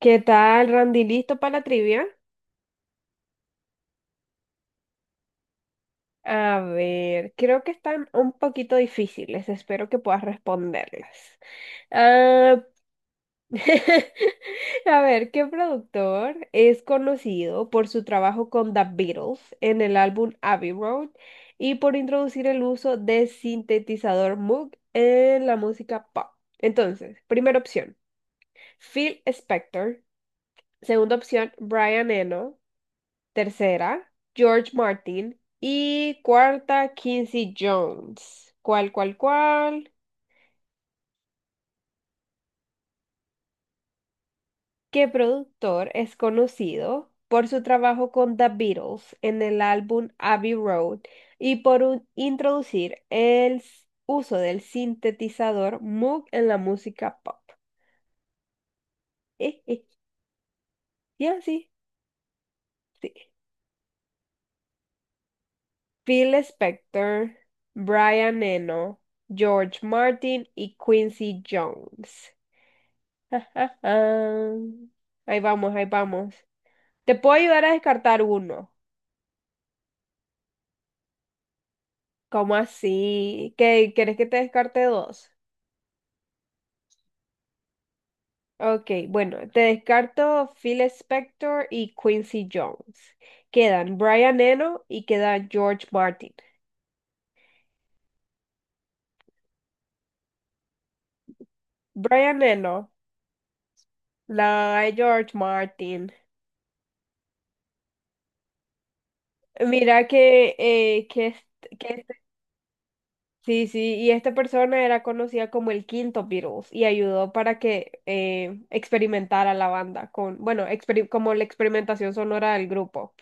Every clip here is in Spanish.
¿Qué tal, Randy? ¿Listo para la trivia? A ver, creo que están un poquito difíciles, espero que puedas responderlas. Ah, a ver, ¿qué productor es conocido por su trabajo con The Beatles en el álbum Abbey Road y por introducir el uso de sintetizador Moog en la música pop? Entonces, primera opción, Phil Spector. Segunda opción, Brian Eno. Tercera, George Martin. Y cuarta, Quincy Jones. ¿Cuál, cuál, cuál? ¿Qué productor es conocido por su trabajo con The Beatles en el álbum Abbey Road y por introducir el uso del sintetizador Moog en la música pop? Eh, eh, Ya, sí, sí. Phil Spector, Brian Eno, George Martin y Quincy Jones. Ja, ja, ja. Ahí vamos, ahí vamos. Te puedo ayudar a descartar uno. ¿Cómo así? ¿Qué, quieres que te descarte dos? Ok, bueno, te descarto Phil Spector y Quincy Jones. Quedan Brian Eno y queda George Martin. Brian Eno, la George Martin. Mira que, que sí, sí, y esta persona era conocida como el quinto Beatles y ayudó para que experimentara la banda con, bueno, como la experimentación sonora del grupo.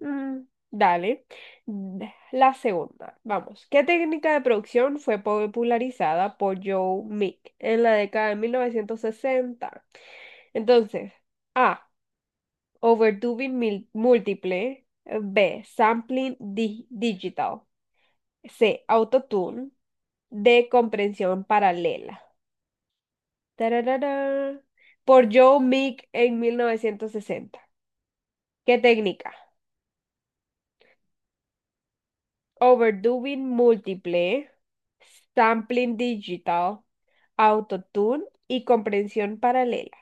Mm, dale. La segunda, vamos. ¿Qué técnica de producción fue popularizada por Joe Meek en la década de 1960? Entonces, A. Overdubbing múltiple. B. Sampling digital. C, autotune. D, comprensión paralela. Tararara. Por Joe Meek en 1960. ¿Qué técnica? Overdubbing múltiple, sampling digital, autotune y comprensión paralela.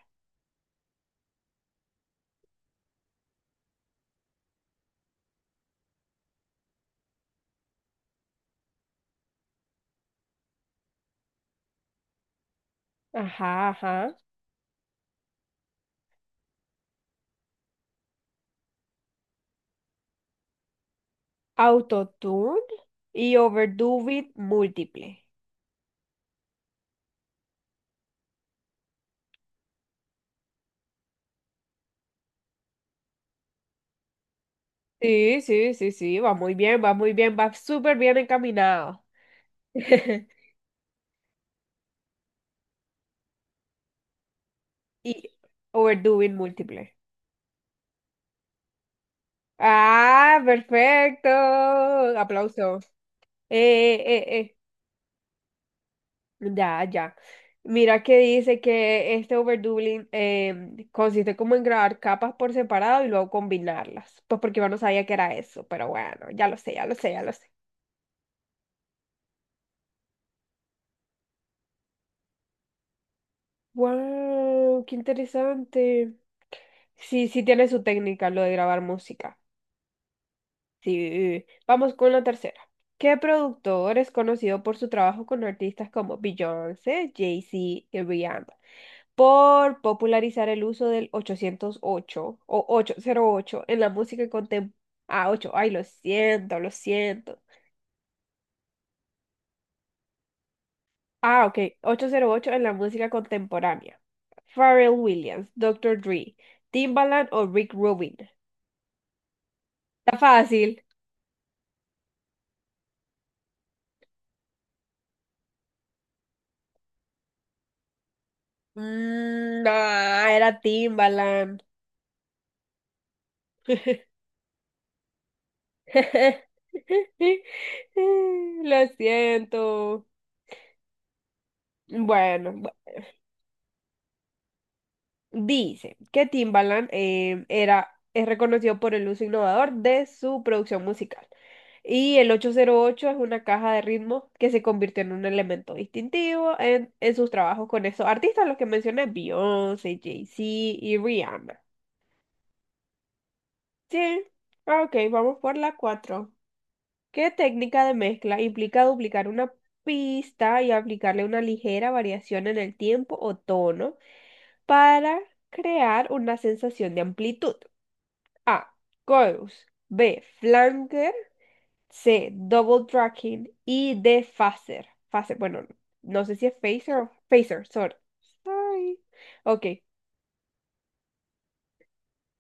Ajá, ajá. Autotune y overdubbing múltiple. Sí, sí, sí, sí, va muy bien, va muy bien, va súper bien encaminado. Y overdubbing múltiple. Ah, perfecto. Aplauso. Eh, eh, eh. Ya, ya. Mira que dice que este overdubbling consiste como en grabar capas por separado y luego combinarlas. Pues porque yo no sabía que era eso, pero bueno, ya lo sé, ya lo sé, ya lo sé. Wow, qué interesante. Sí, sí tiene su técnica lo de grabar música. Sí, vamos con la tercera. ¿Qué productor es conocido por su trabajo con artistas como Beyoncé, Jay-Z y Rihanna por popularizar el uso del 808 o 808 en la música contemporánea? Ah, 8, ay, lo siento, lo siento. Ah, ok, 808 en la música contemporánea. Pharrell Williams, Doctor Dre, Timbaland o Rick Rubin. Está fácil. Mm, no, era Timbaland. Lo siento. Bueno, dice que Timbaland era, es reconocido por el uso innovador de su producción musical. Y el 808 es una caja de ritmos que se convirtió en un elemento distintivo en sus trabajos con esos artistas, los que mencioné, Beyoncé, Jay-Z y Rihanna. Sí, ah, ok, vamos por la cuatro. ¿Qué técnica de mezcla implica duplicar una pista y aplicarle una ligera variación en el tiempo o tono para crear una sensación de amplitud? A. Chorus. B. Flanger. C. Double tracking. Y D. Phaser. Phaser, bueno, no sé si es phaser o phaser, sorry. Sorry. Ok.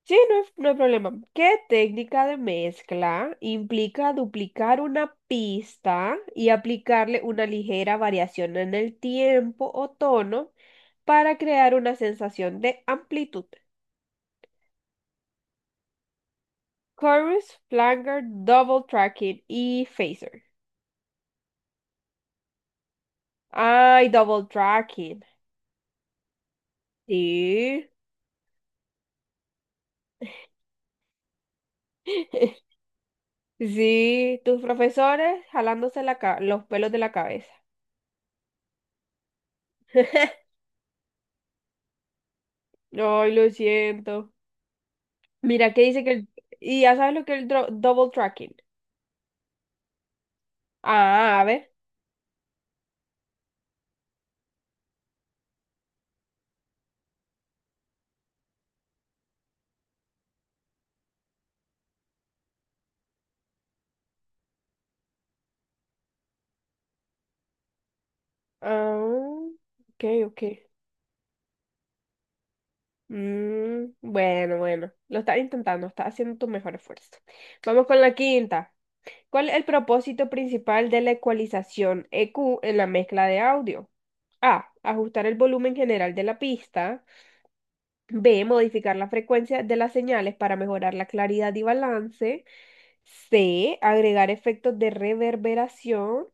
Sí, no hay problema. ¿Qué técnica de mezcla implica duplicar una pista y aplicarle una ligera variación en el tiempo o tono para crear una sensación de amplitud? Chorus, flanger, double tracking y phaser. Ay, double tracking. Sí. Sí, tus profesores jalándose los pelos de la cabeza. Ay, lo siento. Mira, que dice que el. Y ya sabes lo que es el double tracking. Ah, a ver. Ah, ok, ok. Mm, bueno, bueno. Lo estás intentando, estás haciendo tu mejor esfuerzo. Vamos con la quinta. ¿Cuál es el propósito principal de la ecualización EQ en la mezcla de audio? A. Ajustar el volumen general de la pista. B, modificar la frecuencia de las señales para mejorar la claridad y balance. C, agregar efectos de reverberación.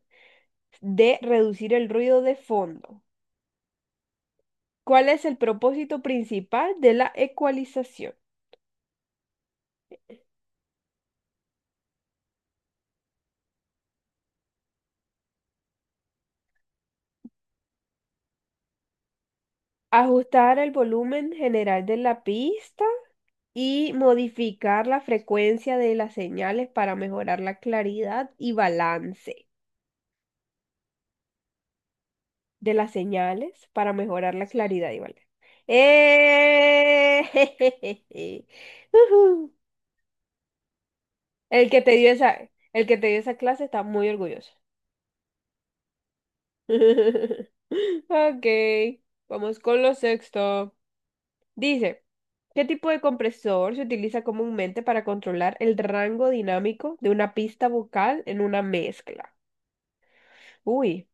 D, reducir el ruido de fondo. ¿Cuál es el propósito principal de la ecualización? Ajustar el volumen general de la pista y modificar la frecuencia de las señales para mejorar la claridad y balance. De las señales para mejorar la claridad y valor. ¡Eh! Ujú. El que te dio esa, el que te dio esa clase está muy orgulloso. Ok, vamos con lo sexto. Dice, ¿qué tipo de compresor se utiliza comúnmente para controlar el rango dinámico de una pista vocal en una mezcla? Uy,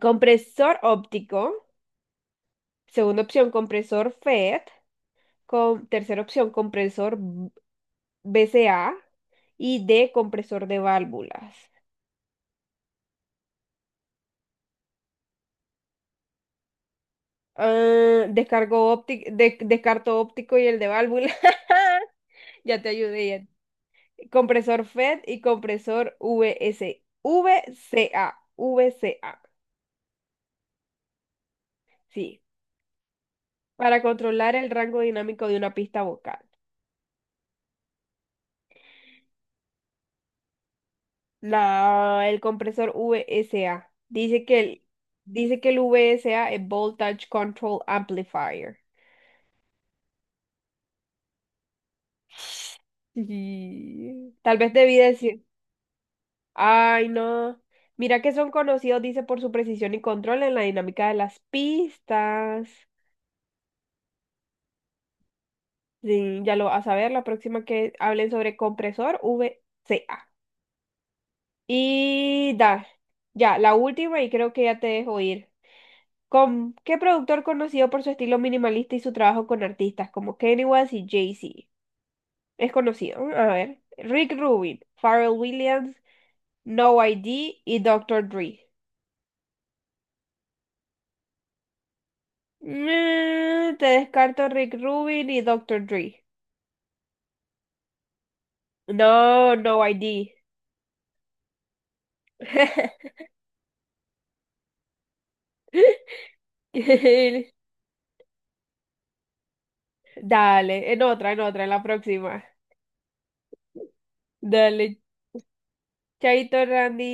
compresor óptico. Segunda opción, compresor FET. Tercera opción, compresor BCA y D, compresor de válvulas. Ah, descargo óptico, descarto óptico y el de válvula. Ya te ayudé. Ya. Compresor FED y compresor VCA, sí, para controlar el rango dinámico de una pista vocal. La, el compresor VSA. Dice que el VSA es Voltage Control Amplifier. Y tal vez debí decir. Ay, no. Mira que son conocidos, dice, por su precisión y control en la dinámica de las pistas. Sí, ya lo vas a ver la próxima que hablen sobre compresor VCA. Y ya, la última y creo que ya te dejo ir. ¿Con qué productor conocido por su estilo minimalista y su trabajo con artistas como Kanye West y Jay-Z? Es conocido. A ver. Rick Rubin, Pharrell Williams, No ID y Doctor Dre. Mm, te descarto Rick Rubin y Doctor Dre. No, no ID. Dale, en otra, en otra, en la próxima. Dale, chaito, Randy.